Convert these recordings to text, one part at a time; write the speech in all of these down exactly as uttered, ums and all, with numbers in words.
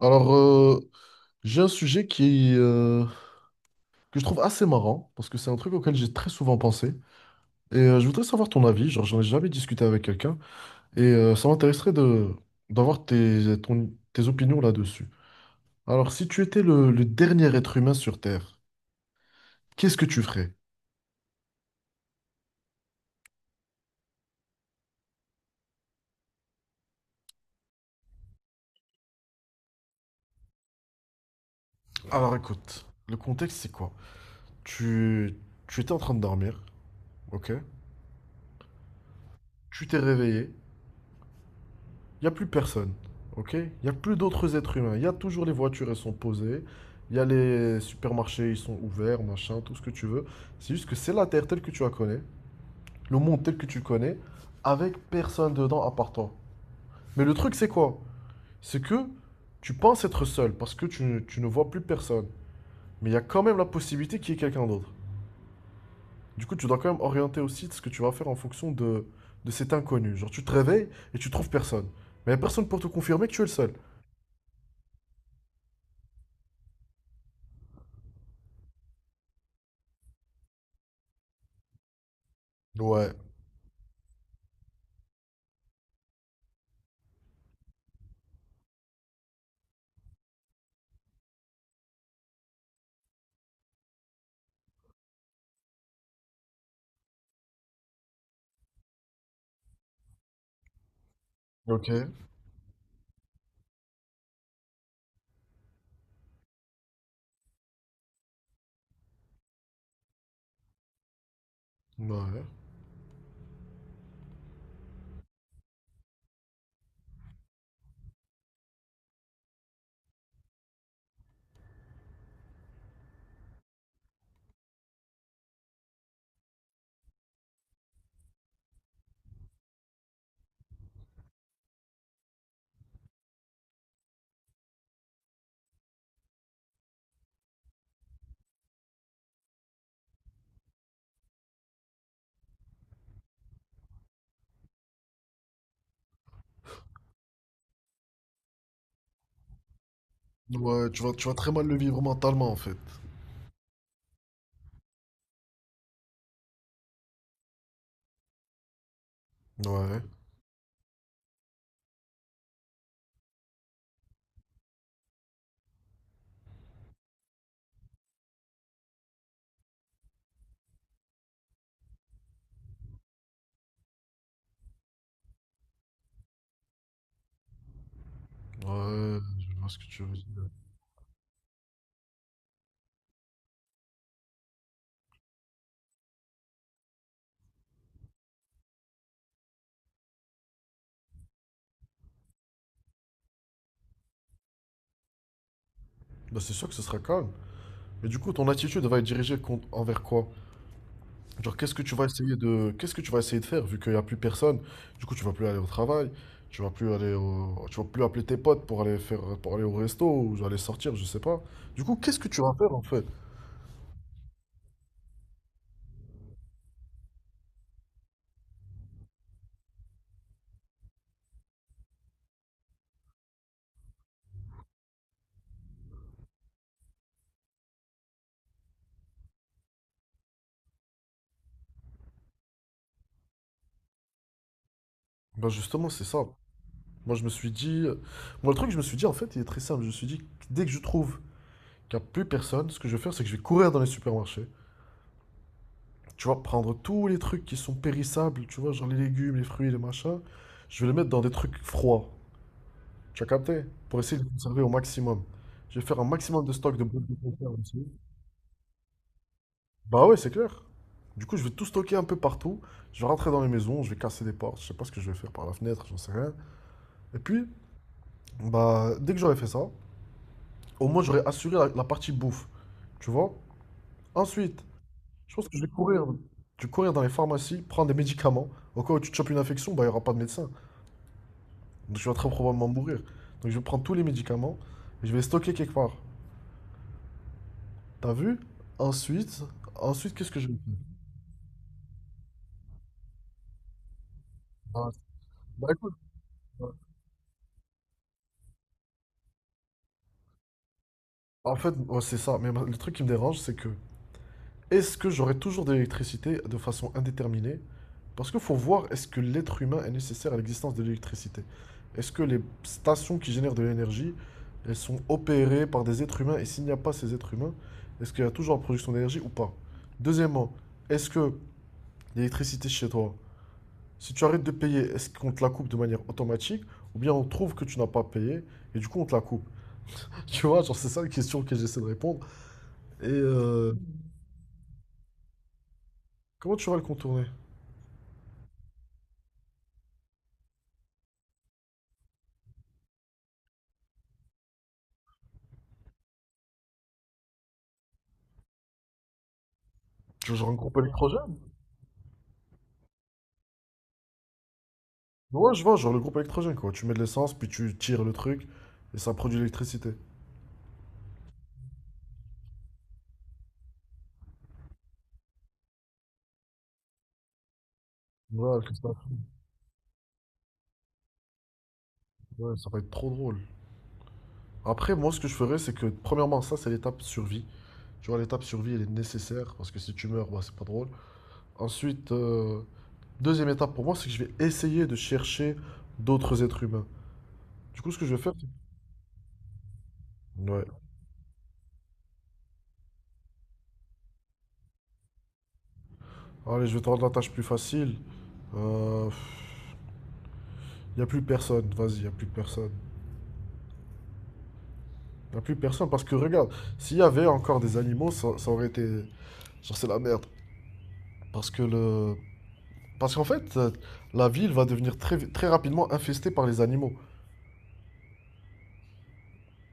Alors, euh, j'ai un sujet qui, euh, que je trouve assez marrant, parce que c'est un truc auquel j'ai très souvent pensé. Et euh, je voudrais savoir ton avis, genre j'en ai jamais discuté avec quelqu'un, et euh, ça m'intéresserait de d'avoir tes, ton- tes opinions là-dessus. Alors, si tu étais le, le dernier être humain sur Terre, qu'est-ce que tu ferais? Alors, écoute, le contexte c'est quoi? Tu, Tu étais en train de dormir, ok? Tu t'es réveillé, il n'y a plus personne. OK? Il n'y a plus d'autres êtres humains. Il y a toujours les voitures, elles sont posées. Il y a les supermarchés, ils sont ouverts, machin, tout ce que tu veux. C'est juste que c'est la Terre telle que tu la connais, le monde tel que tu le connais, avec personne dedans à part toi. Mais le truc, c'est quoi? C'est que tu penses être seul parce que tu, ne- tu ne vois plus personne. Mais il y a quand même la possibilité qu'il y ait quelqu'un d'autre. Du coup, tu dois quand même orienter aussi ce que tu vas faire en fonction de, de cet inconnu. Genre, tu te réveilles et tu trouves personne. Mais il n'y a personne pour te confirmer que tu es le seul. Ouais. Ok. Ouais. Ouais, tu vas, tu vas très mal le vivre mentalement en fait. Ouais. Ouais, je vois ce que tu veux dire. Bah, c'est sûr que ce sera calme. Mais du coup, ton attitude va être dirigée contre- envers quoi? Genre, qu'est-ce que tu vas essayer de, qu'est-ce que tu vas essayer de faire vu qu'il n'y a plus personne? Du coup, tu vas plus aller au travail, tu vas plus aller au, tu vas plus appeler tes potes pour aller faire, pour aller au resto ou aller sortir, je sais pas. Du coup, qu'est-ce que tu vas faire en fait? Bah, justement, c'est ça. Moi, je me suis dit, Moi, le truc, je me suis dit en fait, il est très simple. Je me suis dit, dès que je trouve qu'il n'y a plus personne, ce que je vais faire, c'est que je vais courir dans les supermarchés. Tu vois, prendre tous les trucs qui sont périssables, tu vois, genre les légumes, les fruits, les machins. Je vais les mettre dans des trucs froids. Tu as capté? Pour essayer de les conserver au maximum. Je vais faire un maximum de stock de boîtes de conserve aussi. Bah ouais, c'est clair. Du coup, je vais tout stocker un peu partout. Je vais rentrer dans les maisons, je vais casser des portes. Je sais pas ce que je vais faire par la fenêtre, j'en sais rien. Et puis, bah, dès que j'aurai fait ça, au moins j'aurai assuré la, la partie bouffe. Tu vois? Ensuite, je pense que je vais courir. Je vais courir dans les pharmacies, prendre des médicaments. Au cas où tu te chopes une infection, bah, il n'y aura pas de médecin. Donc je vais très probablement mourir. Donc je vais prendre tous les médicaments et je vais les stocker quelque part. T'as vu? Ensuite, Ensuite qu'est-ce que je vais faire? Ah, bah écoute, en fait, ouais, c'est ça. Mais ma- le truc qui me dérange, c'est que est-ce que j'aurai toujours de l'électricité de façon indéterminée? Parce qu'il faut voir, est-ce que l'être humain est nécessaire à l'existence de l'électricité? Est-ce que les stations qui génèrent de l'énergie, elles sont opérées par des êtres humains? Et s'il n'y a pas ces êtres humains, est-ce qu'il y a toujours la production d'énergie ou pas? Deuxièmement, est-ce que l'électricité chez toi, si tu arrêtes de payer, est-ce qu'on te la coupe de manière automatique? Ou bien on trouve que tu n'as pas payé et du coup on te la coupe? Tu vois, genre c'est ça la question que j'essaie de répondre. Et euh, Comment tu vas le contourner? Tu veux que je rencontre un groupe électrogène? Ouais, je vois, genre le groupe électrogène, quoi. Tu mets de l'essence, puis tu tires le truc, et ça produit de l'électricité. Ouais, c'est ça. Ouais, ça va être trop drôle. Après, moi, ce que je ferais, c'est que, premièrement, ça, c'est l'étape survie. Tu vois, l'étape survie, elle est nécessaire, parce que si tu meurs, bah, c'est pas drôle. Ensuite, euh, Deuxième étape pour moi, c'est que je vais essayer de chercher d'autres êtres humains. Du coup, ce que je vais faire, c'est... Ouais. Allez, je vais te rendre la tâche plus facile. Euh, il n'y a plus personne, vas-y, il n'y a plus personne. Il n'y a plus personne, parce que regarde, s'il y avait encore des animaux, ça, ça aurait été genre, c'est la merde. Parce que le. Parce qu'en fait, euh, la ville va devenir très, très rapidement infestée par les animaux.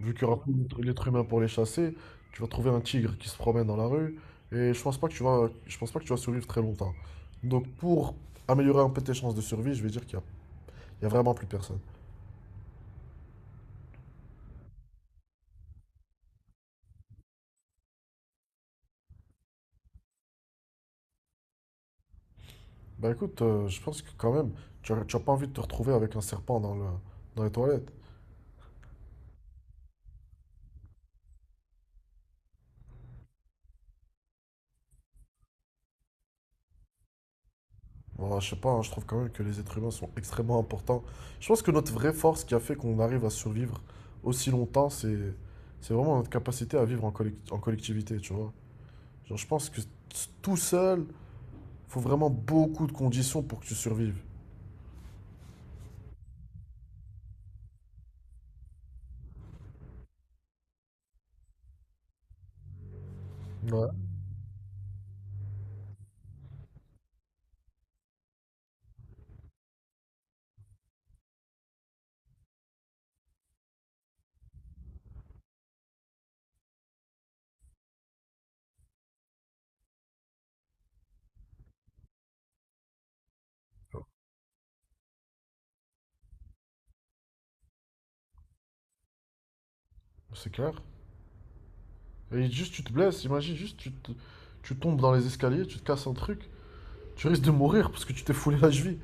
Vu qu'il n'y aura plus d'être- l'être humain pour les chasser, tu vas trouver un tigre qui se promène dans la rue. Et je pense pas que tu vas, je pense pas que tu vas survivre très longtemps. Donc pour améliorer un peu tes chances de survie, je vais dire qu'il y a, il y a vraiment plus personne. Bah écoute, euh, je pense que quand même, tu as tu as pas envie de te retrouver avec un serpent dans le, dans les toilettes. Ouais, je sais pas, hein, je trouve quand même que les êtres humains sont extrêmement importants. Je pense que notre vraie force qui a fait qu'on arrive à survivre aussi longtemps, c'est c'est vraiment notre capacité à vivre en, collec- en collectivité, tu vois. Genre, je pense que t- tout seul, faut vraiment beaucoup de conditions pour que tu survives. Ouais. C'est clair. Et juste, tu te blesses, imagine, juste, tu, te- tu tombes dans les escaliers, tu te casses un truc, tu risques de mourir parce que tu t'es foulé la cheville.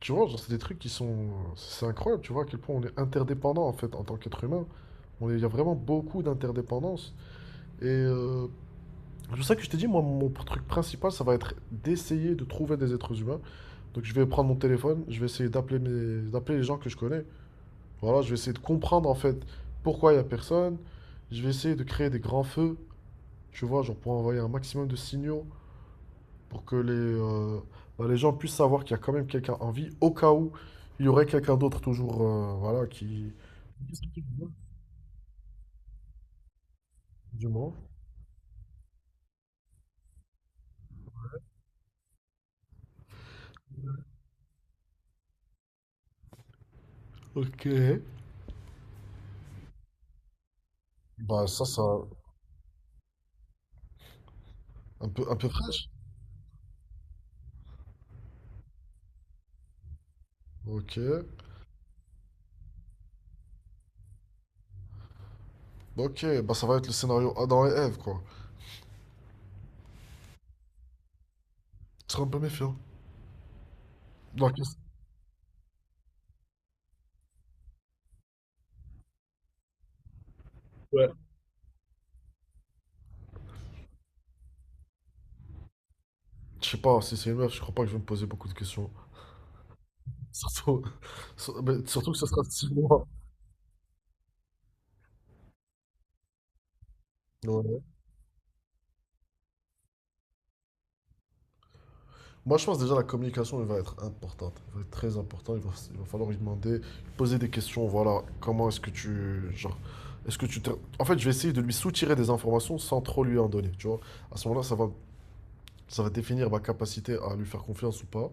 Tu vois, genre, c'est des trucs qui sont. C'est incroyable, tu vois, à quel point on est interdépendant en fait en tant qu'être humain. On est- Il y a vraiment beaucoup d'interdépendance. Et euh, c'est pour ça que je t'ai dit, moi, mon truc principal, ça va être d'essayer de trouver des êtres humains. Donc je vais prendre mon téléphone, je vais essayer d'appeler mes... d'appeler les gens que je connais. Voilà, je vais essayer de comprendre en fait pourquoi il n'y a personne. Je vais essayer de créer des grands feux, tu vois, genre pour envoyer un maximum de signaux pour que les, euh, bah, les gens puissent savoir qu'il y a quand même quelqu'un en vie, au cas où il y aurait quelqu'un d'autre toujours, euh, voilà, qui... Du moins. Ok. Bah ça, ça... Un peu, un peu fraîche. Ok. Bah, ok, bah ça va être le scénario Adam et Ève, quoi. Je serais un peu méfiant. Dans la question... Ouais. Je sais pas, si c'est une meuf, je crois pas que je vais me poser beaucoup de questions. Surtout, sur- mais surtout que ce sera six mois. Ouais. Moi, je pense déjà la communication elle va être importante, elle va être très importante. Il va, il va falloir lui demander, lui poser des questions. Voilà, comment est-ce que tu, genre, est-ce que tu te- en fait, je vais essayer de lui soutirer des informations sans trop lui en donner. Tu vois, à ce moment-là, ça va, ça va définir ma capacité à lui faire confiance ou pas.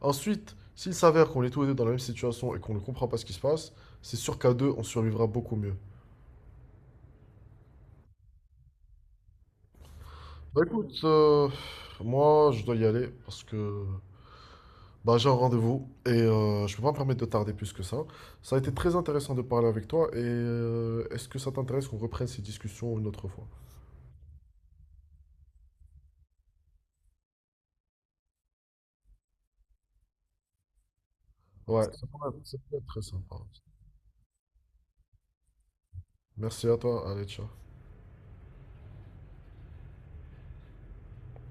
Ensuite, s'il s'avère qu'on est tous les deux dans la même situation et qu'on ne comprend pas ce qui se passe, c'est sûr qu'à deux, on survivra beaucoup mieux. Bah écoute, euh, moi, je dois y aller parce que bah, j'ai un rendez-vous et euh, je peux pas me permettre de tarder plus que ça. Ça a été très intéressant de parler avec toi et euh, est-ce que ça t'intéresse qu'on reprenne ces discussions une autre fois? Ouais, ça pourrait ça pourrait être très sympa. Merci à toi, allez, ciao.